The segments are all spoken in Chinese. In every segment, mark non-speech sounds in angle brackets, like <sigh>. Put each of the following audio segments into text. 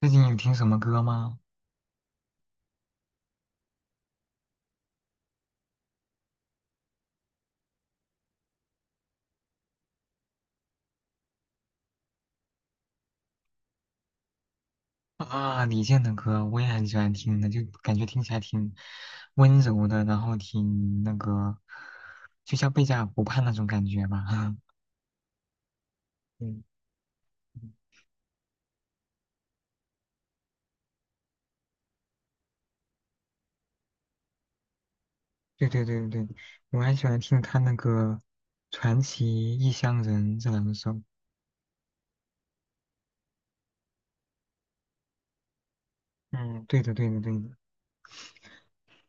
最近有听什么歌吗？啊，李健的歌我也很喜欢听的，就感觉听起来挺温柔的，然后挺那个，就像贝加尔湖畔那种感觉吧。<laughs> 嗯，嗯对对对对对，我还喜欢听他那个《传奇》《异乡人》这两首。嗯，对的对的对的，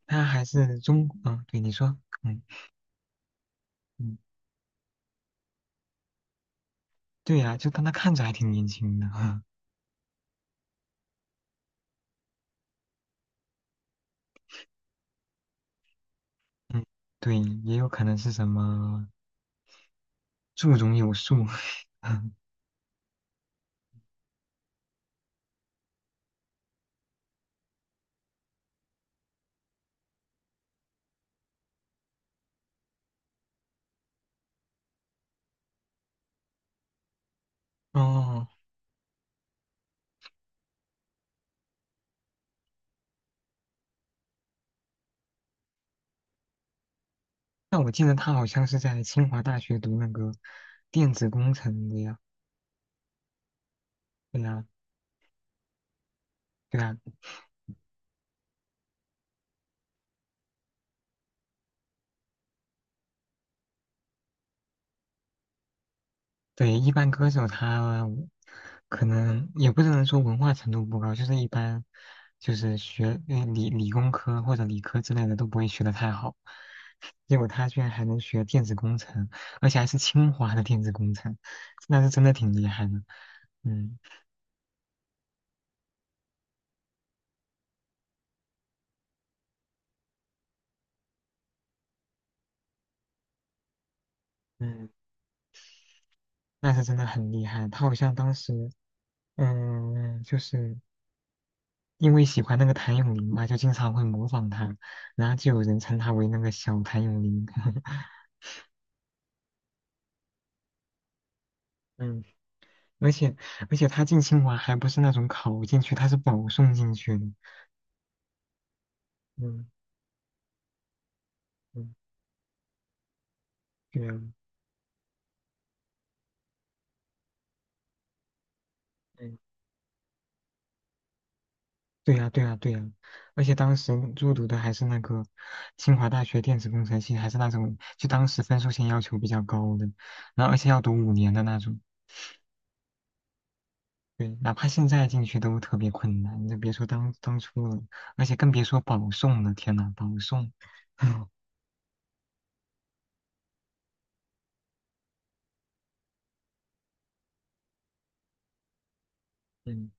他还是中，对你说，嗯嗯，对呀、就但他看着还挺年轻的。<laughs> 嗯，对，也有可能是什么树中有树。<laughs> 哦，那我记得他好像是在清华大学读那个电子工程的呀。对呀，对呀，对，一般歌手他可能也不能说文化程度不高，就是一般就是学理工科或者理科之类的都不会学的太好，结果他居然还能学电子工程，而且还是清华的电子工程，那是真的挺厉害的。嗯嗯，那是真的很厉害。他好像当时就是。因为喜欢那个谭咏麟嘛，就经常会模仿他，然后就有人称他为那个小谭咏麟。<laughs> 嗯，而且而且他进清华还不是那种考进去，他是保送进去的。嗯嗯，对呀，嗯，对呀对呀对呀，而且当时入读的还是那个清华大学电子工程系，还是那种就当时分数线要求比较高的，然后而且要读5年的那种。对，哪怕现在进去都特别困难，你就别说当初了，而且更别说保送了。天呐，保送，<laughs> 嗯，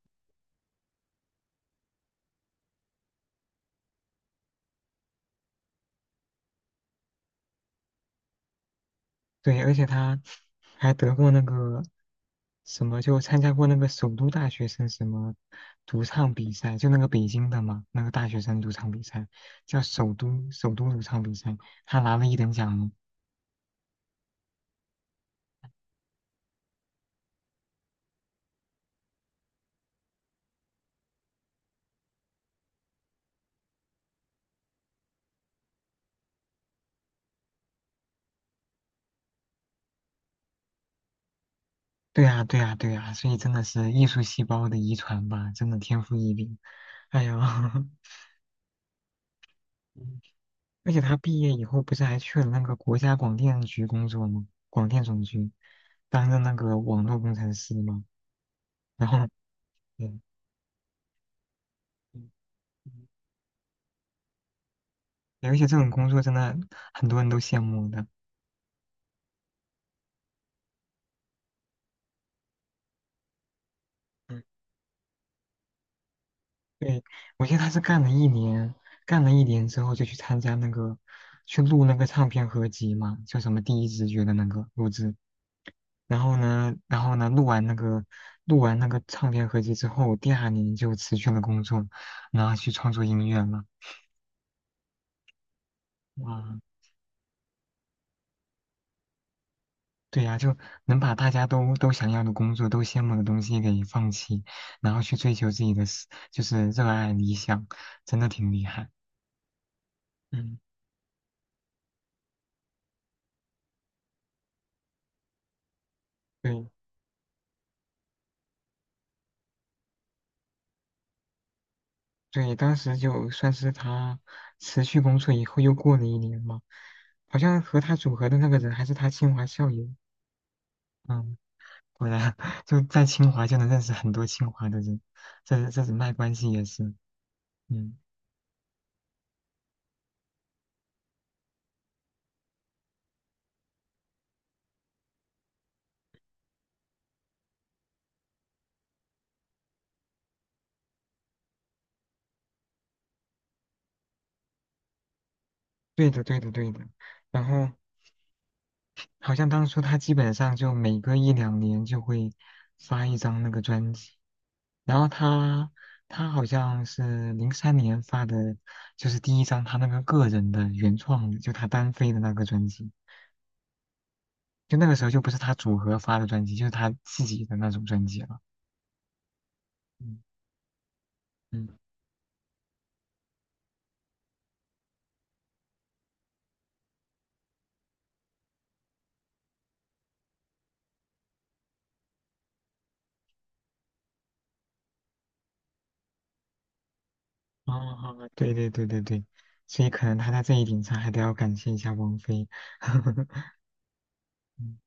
对，而且他还得过那个什么，就参加过那个首都大学生什么独唱比赛，就那个北京的嘛，那个大学生独唱比赛叫首都独唱比赛，他拿了一等奖呢对啊，对啊，对啊，所以真的是艺术细胞的遗传吧，真的天赋异禀。哎呦，<laughs> 而且他毕业以后不是还去了那个国家广电局工作吗？广电总局，当任那个网络工程师嘛。然后，对嗯，嗯嗯而且这种工作真的很多人都羡慕的。嗯，对，我记得他是干了一年，干了一年之后就去参加那个，去录那个唱片合集嘛，叫什么《第一直觉》的那个录制。然后呢，录完那个唱片合集之后，第二年就辞去了工作，然后去创作音乐了。哇，对呀，就能把大家都想要的工作、都羡慕的东西给放弃，然后去追求自己的事，就是热爱理想，真的挺厉害。嗯，对对，当时就算是他辞去工作以后，又过了一年嘛，好像和他组合的那个人还是他清华校友。嗯，果然 <laughs> 就在清华就能认识很多清华的人，这人脉关系也是。嗯，对的，对的，对的。然后。好像当初他基本上就每隔一两年就会发一张那个专辑，然后他好像是03年发的，就是第一张他那个个人的原创的，就他单飞的那个专辑，就那个时候就不是他组合发的专辑，就是他自己的那种专辑了。嗯嗯，哦哦，对对对对对，所以可能他在这一点上还得要感谢一下王菲。<laughs> 嗯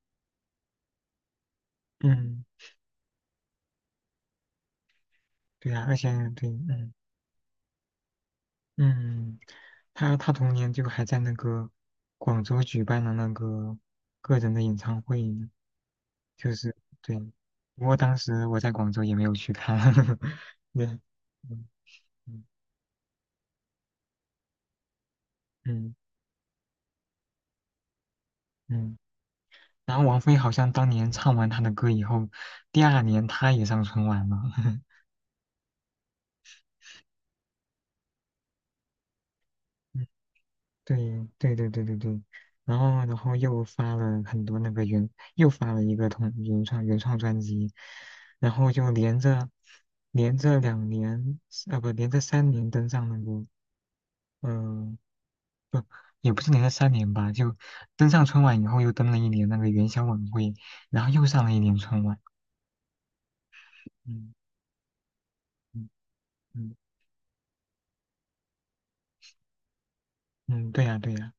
嗯，对啊，而且对，嗯。嗯，他同年就还在那个广州举办了那个个人的演唱会呢就是对，不过当时我在广州也没有去看，<laughs> 对，嗯嗯嗯嗯，然后王菲好像当年唱完他的歌以后，第二年她也上春晚了，<laughs> 对对对对对对，然后又发了很多那个原，又发了一个同原创专辑，然后就连着两年，不，连着三年登上那个，嗯、不，也不是连着三年吧，就登上春晚以后又登了一年那个元宵晚会，然后又上了一年春晚，嗯嗯嗯嗯，对呀、对呀、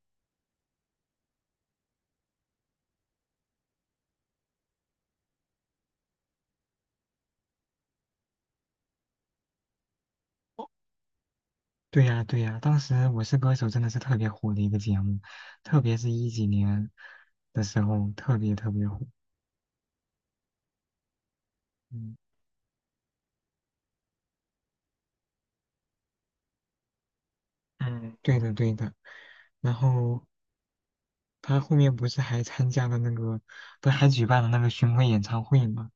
对呀，对呀，当时《我是歌手》真的是特别火的一个节目，特别是一几年的时候，特别特别火。嗯嗯，对的对的。然后他后面不是还参加了那个，不是还举办了那个巡回演唱会吗？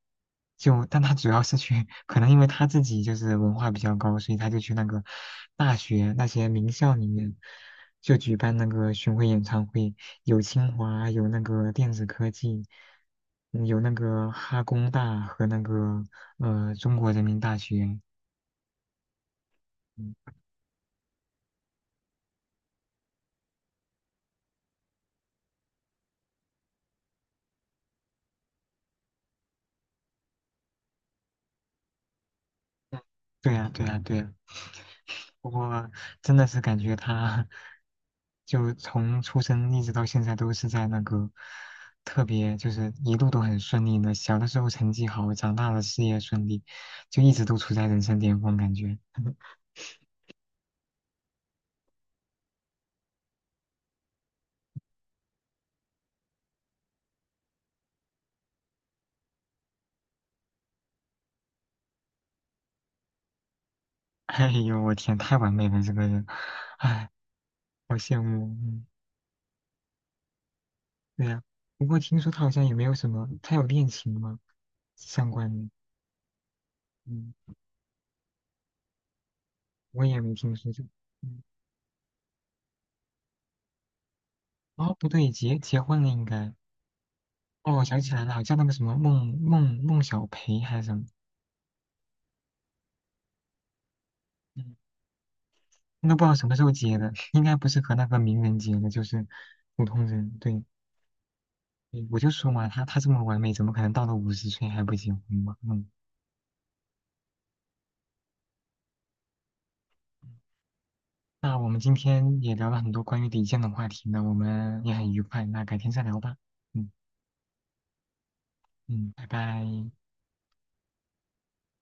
就，但他主要是去，可能因为他自己就是文化比较高，所以他就去那个大学那些名校里面，就举办那个巡回演唱会，有清华，有那个电子科技，嗯有那个哈工大和那个中国人民大学。嗯对呀，对呀，对呀。不过真的是感觉他就从出生一直到现在都是在那个特别就是一路都很顺利的，小的时候成绩好，长大了事业顺利，就一直都处在人生巅峰感觉。<laughs> 哎呦，我天，太完美了这个人，哎，好羡慕。嗯，对呀、不过听说他好像也没有什么，他有恋情吗？相关的，嗯，我也没听说就，嗯，哦，不对，结婚了应该。哦，我想起来了，好像那个什么孟小培还是什么，嗯，那不知道什么时候结的，应该不是和那个名人结的，就是普通人。对，对我就说嘛，他这么完美，怎么可能到了50岁还不结婚嘛？嗯，那我们今天也聊了很多关于李健的话题呢，我们也很愉快，那改天再聊吧。嗯嗯，拜拜。